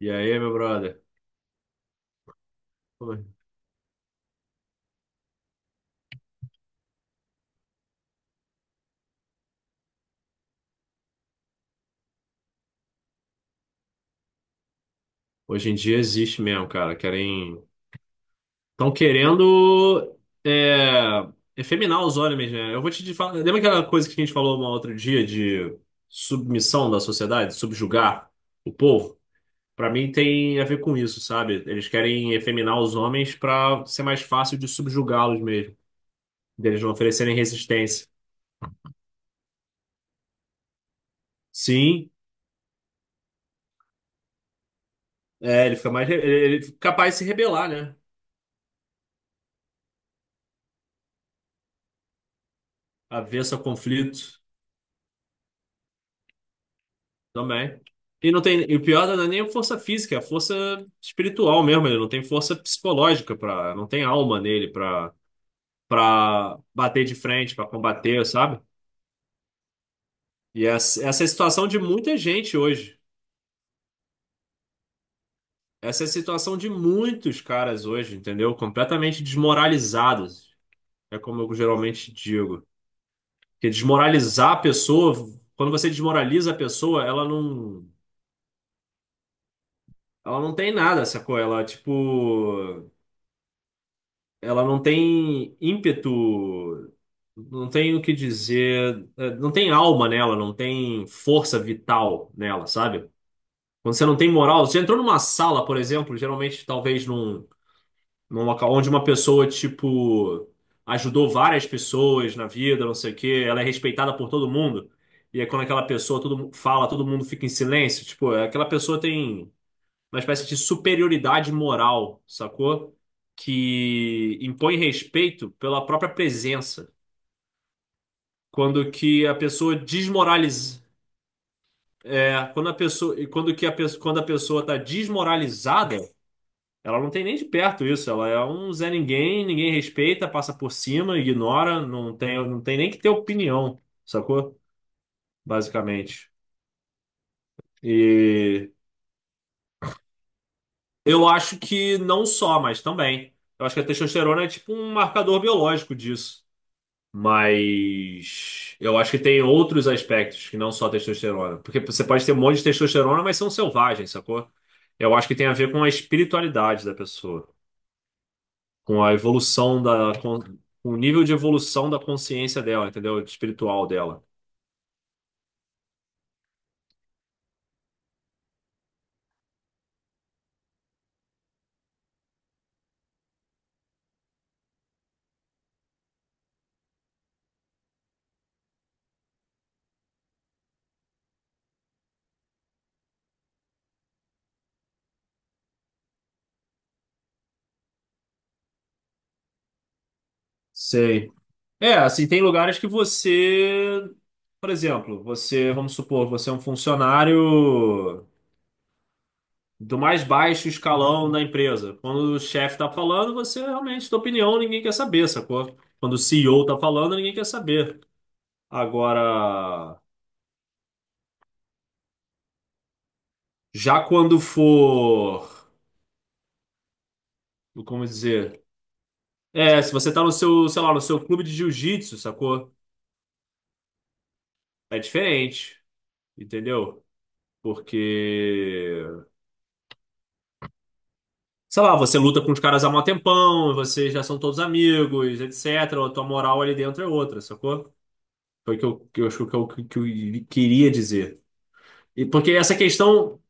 E aí, meu brother? Pô. Hoje em dia existe mesmo, cara. Querem. Estão querendo é... efeminar os homens, né? Eu vou te falar. Lembra aquela coisa que a gente falou um outro dia de submissão da sociedade, subjugar o povo? Pra mim tem a ver com isso, sabe? Eles querem efeminar os homens pra ser mais fácil de subjugá-los mesmo, deles não oferecerem resistência. Sim, é, ele fica mais. Ele fica capaz de se rebelar, né? Avesso a conflito. Também. E não tem, e o pior não é nem a força física, é a força espiritual mesmo. Ele não tem força psicológica para, não tem alma nele para para bater de frente, para combater, sabe? Essa é a situação de muita gente hoje. Essa é a situação de muitos caras hoje, entendeu? Completamente desmoralizados. É como eu geralmente digo. Porque desmoralizar a pessoa, quando você desmoraliza a pessoa, ela não tem nada, sacou? Ela, tipo, ela não tem ímpeto, não tem o que dizer, não tem alma nela, não tem força vital nela, sabe? Quando você não tem moral, você entrou numa sala, por exemplo, geralmente talvez num, num local onde uma pessoa, tipo, ajudou várias pessoas na vida, não sei o quê, ela é respeitada por todo mundo. E é quando aquela pessoa, todo mundo fala, todo mundo fica em silêncio, tipo, aquela pessoa tem uma espécie de superioridade moral, sacou? Que impõe respeito pela própria presença. Quando que a pessoa desmoraliza, quando que a pessoa, quando a pessoa está desmoralizada, ela não tem nem de perto isso, ela é um Zé ninguém, ninguém respeita, passa por cima, ignora, não tem nem que ter opinião, sacou? Basicamente. E eu acho que não só, mas também. Eu acho que a testosterona é tipo um marcador biológico disso. Mas eu acho que tem outros aspectos que não só a testosterona. Porque você pode ter um monte de testosterona, mas são selvagens, sacou? Eu acho que tem a ver com a espiritualidade da pessoa, com a evolução da, com o nível de evolução da consciência dela, entendeu? Espiritual dela. Sei. É, assim, tem lugares que você, por exemplo, você, vamos supor, você é um funcionário do mais baixo escalão da empresa. Quando o chefe tá falando, você realmente, tua opinião, ninguém quer saber, sacou? Quando o C E O tá falando, ninguém quer saber. Agora, já quando for, como dizer? É, se você tá no seu, sei lá, no seu clube de jiu-jitsu, sacou? É diferente, entendeu? Porque, sei lá, você luta com os caras há mó tempão, vocês já são todos amigos, etc. A tua moral ali dentro é outra, sacou? Foi o que eu, que eu queria dizer. E porque essa questão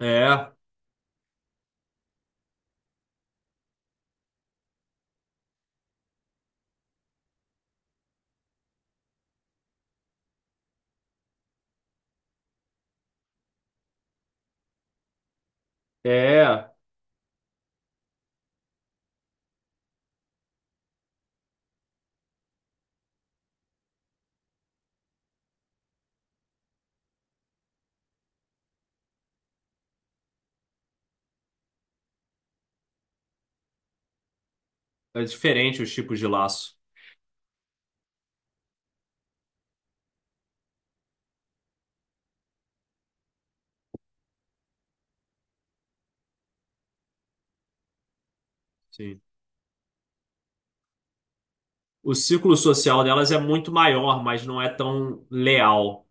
é, é, é diferente os tipos de laço. Sim. O ciclo social delas é muito maior, mas não é tão leal.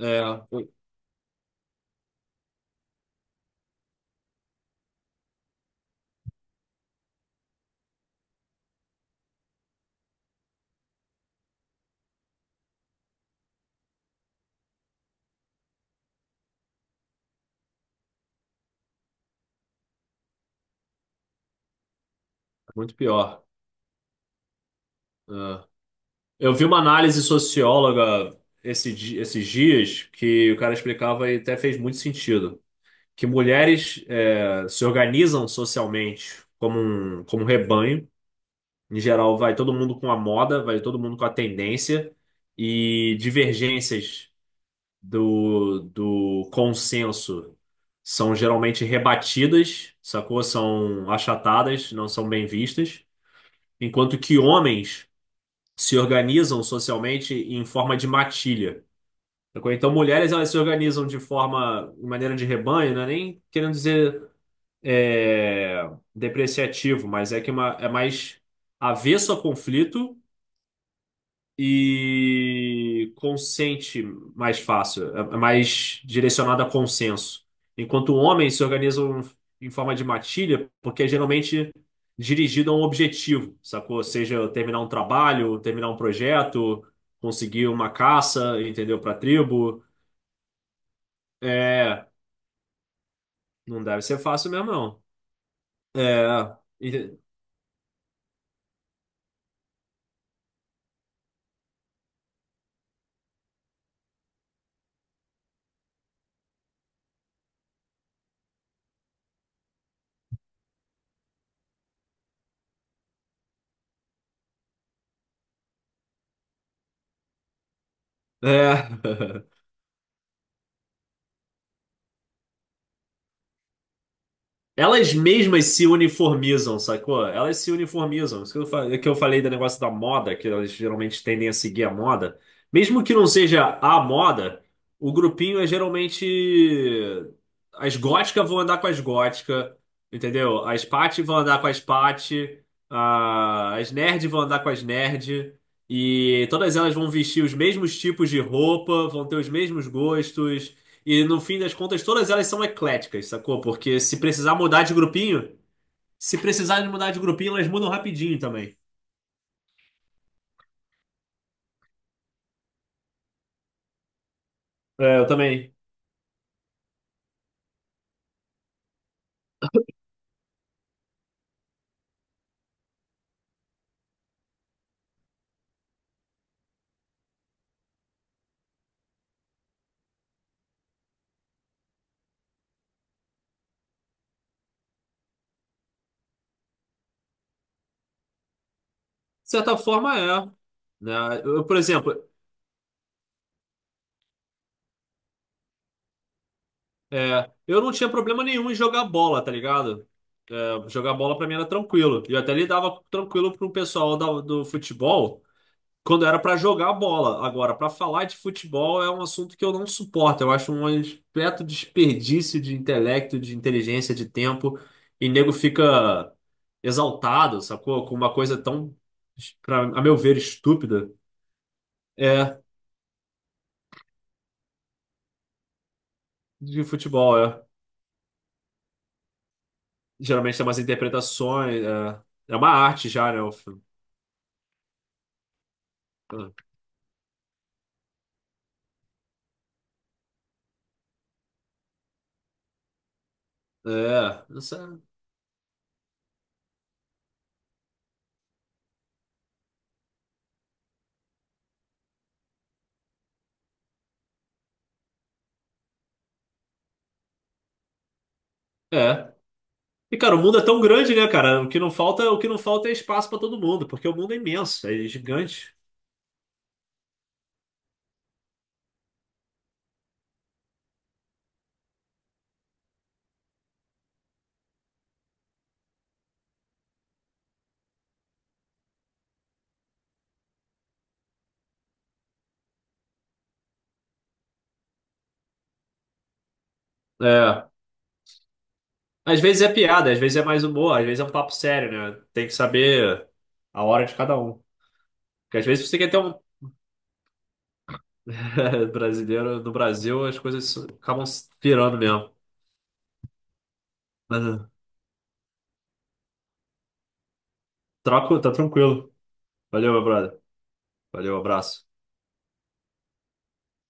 É, é muito pior. É. Eu vi uma análise socióloga esses dias que o cara explicava e até fez muito sentido. Que mulheres se organizam socialmente como um rebanho. Em geral, vai todo mundo com a moda, vai todo mundo com a tendência e divergências do, do consenso são geralmente rebatidas, sacou? São achatadas, não são bem vistas, enquanto que homens se organizam socialmente em forma de matilha. Sacou? Então, mulheres elas se organizam de forma, de maneira de rebanho, não é nem querendo dizer é, depreciativo, mas é que é uma, é mais avesso a conflito e consente mais fácil, é mais direcionado a consenso. Enquanto homens se organizam em forma de matilha, porque é geralmente dirigido a um objetivo, sacou? Seja terminar um trabalho, terminar um projeto, conseguir uma caça, entendeu? Para a tribo. É, não deve ser fácil mesmo, não. É, ente- é. Elas mesmas se uniformizam, sacou? Elas se uniformizam. Isso que eu, falei do negócio da moda, que elas geralmente tendem a seguir a moda. Mesmo que não seja a moda, o grupinho é geralmente. As góticas vão andar com as góticas, entendeu? As paty vão andar com as paty, as nerd vão andar com as nerd. E todas elas vão vestir os mesmos tipos de roupa, vão ter os mesmos gostos. E no fim das contas, todas elas são ecléticas, sacou? Porque se precisar mudar de grupinho, se precisarem mudar de grupinho, elas mudam rapidinho também. É, eu também. De certa forma, é. Né? Eu, por exemplo, é, eu não tinha problema nenhum em jogar bola, tá ligado? É, jogar bola pra mim era tranquilo. E eu até lidava tranquilo pro pessoal do futebol quando era pra jogar bola. Agora, pra falar de futebol é um assunto que eu não suporto. Eu acho um completo desperdício de intelecto, de inteligência, de tempo. E nego fica exaltado, sacou? Com uma coisa tão, pra, a meu ver, estúpida. É, de futebol, é. Geralmente tem umas interpretações. É, é uma arte já, né? O filme. É, isso é. É. E, cara, o mundo é tão grande, né, cara? O que não falta, o que não falta é espaço pra todo mundo, porque o mundo é imenso, é gigante. É. Às vezes é piada, às vezes é mais humor, às vezes é um papo sério, né? Tem que saber a hora de cada um. Porque às vezes você quer ter um brasileiro no Brasil, as coisas acabam se virando mesmo. Mas eh, Troco, tá tranquilo. Valeu, meu brother. Valeu, abraço.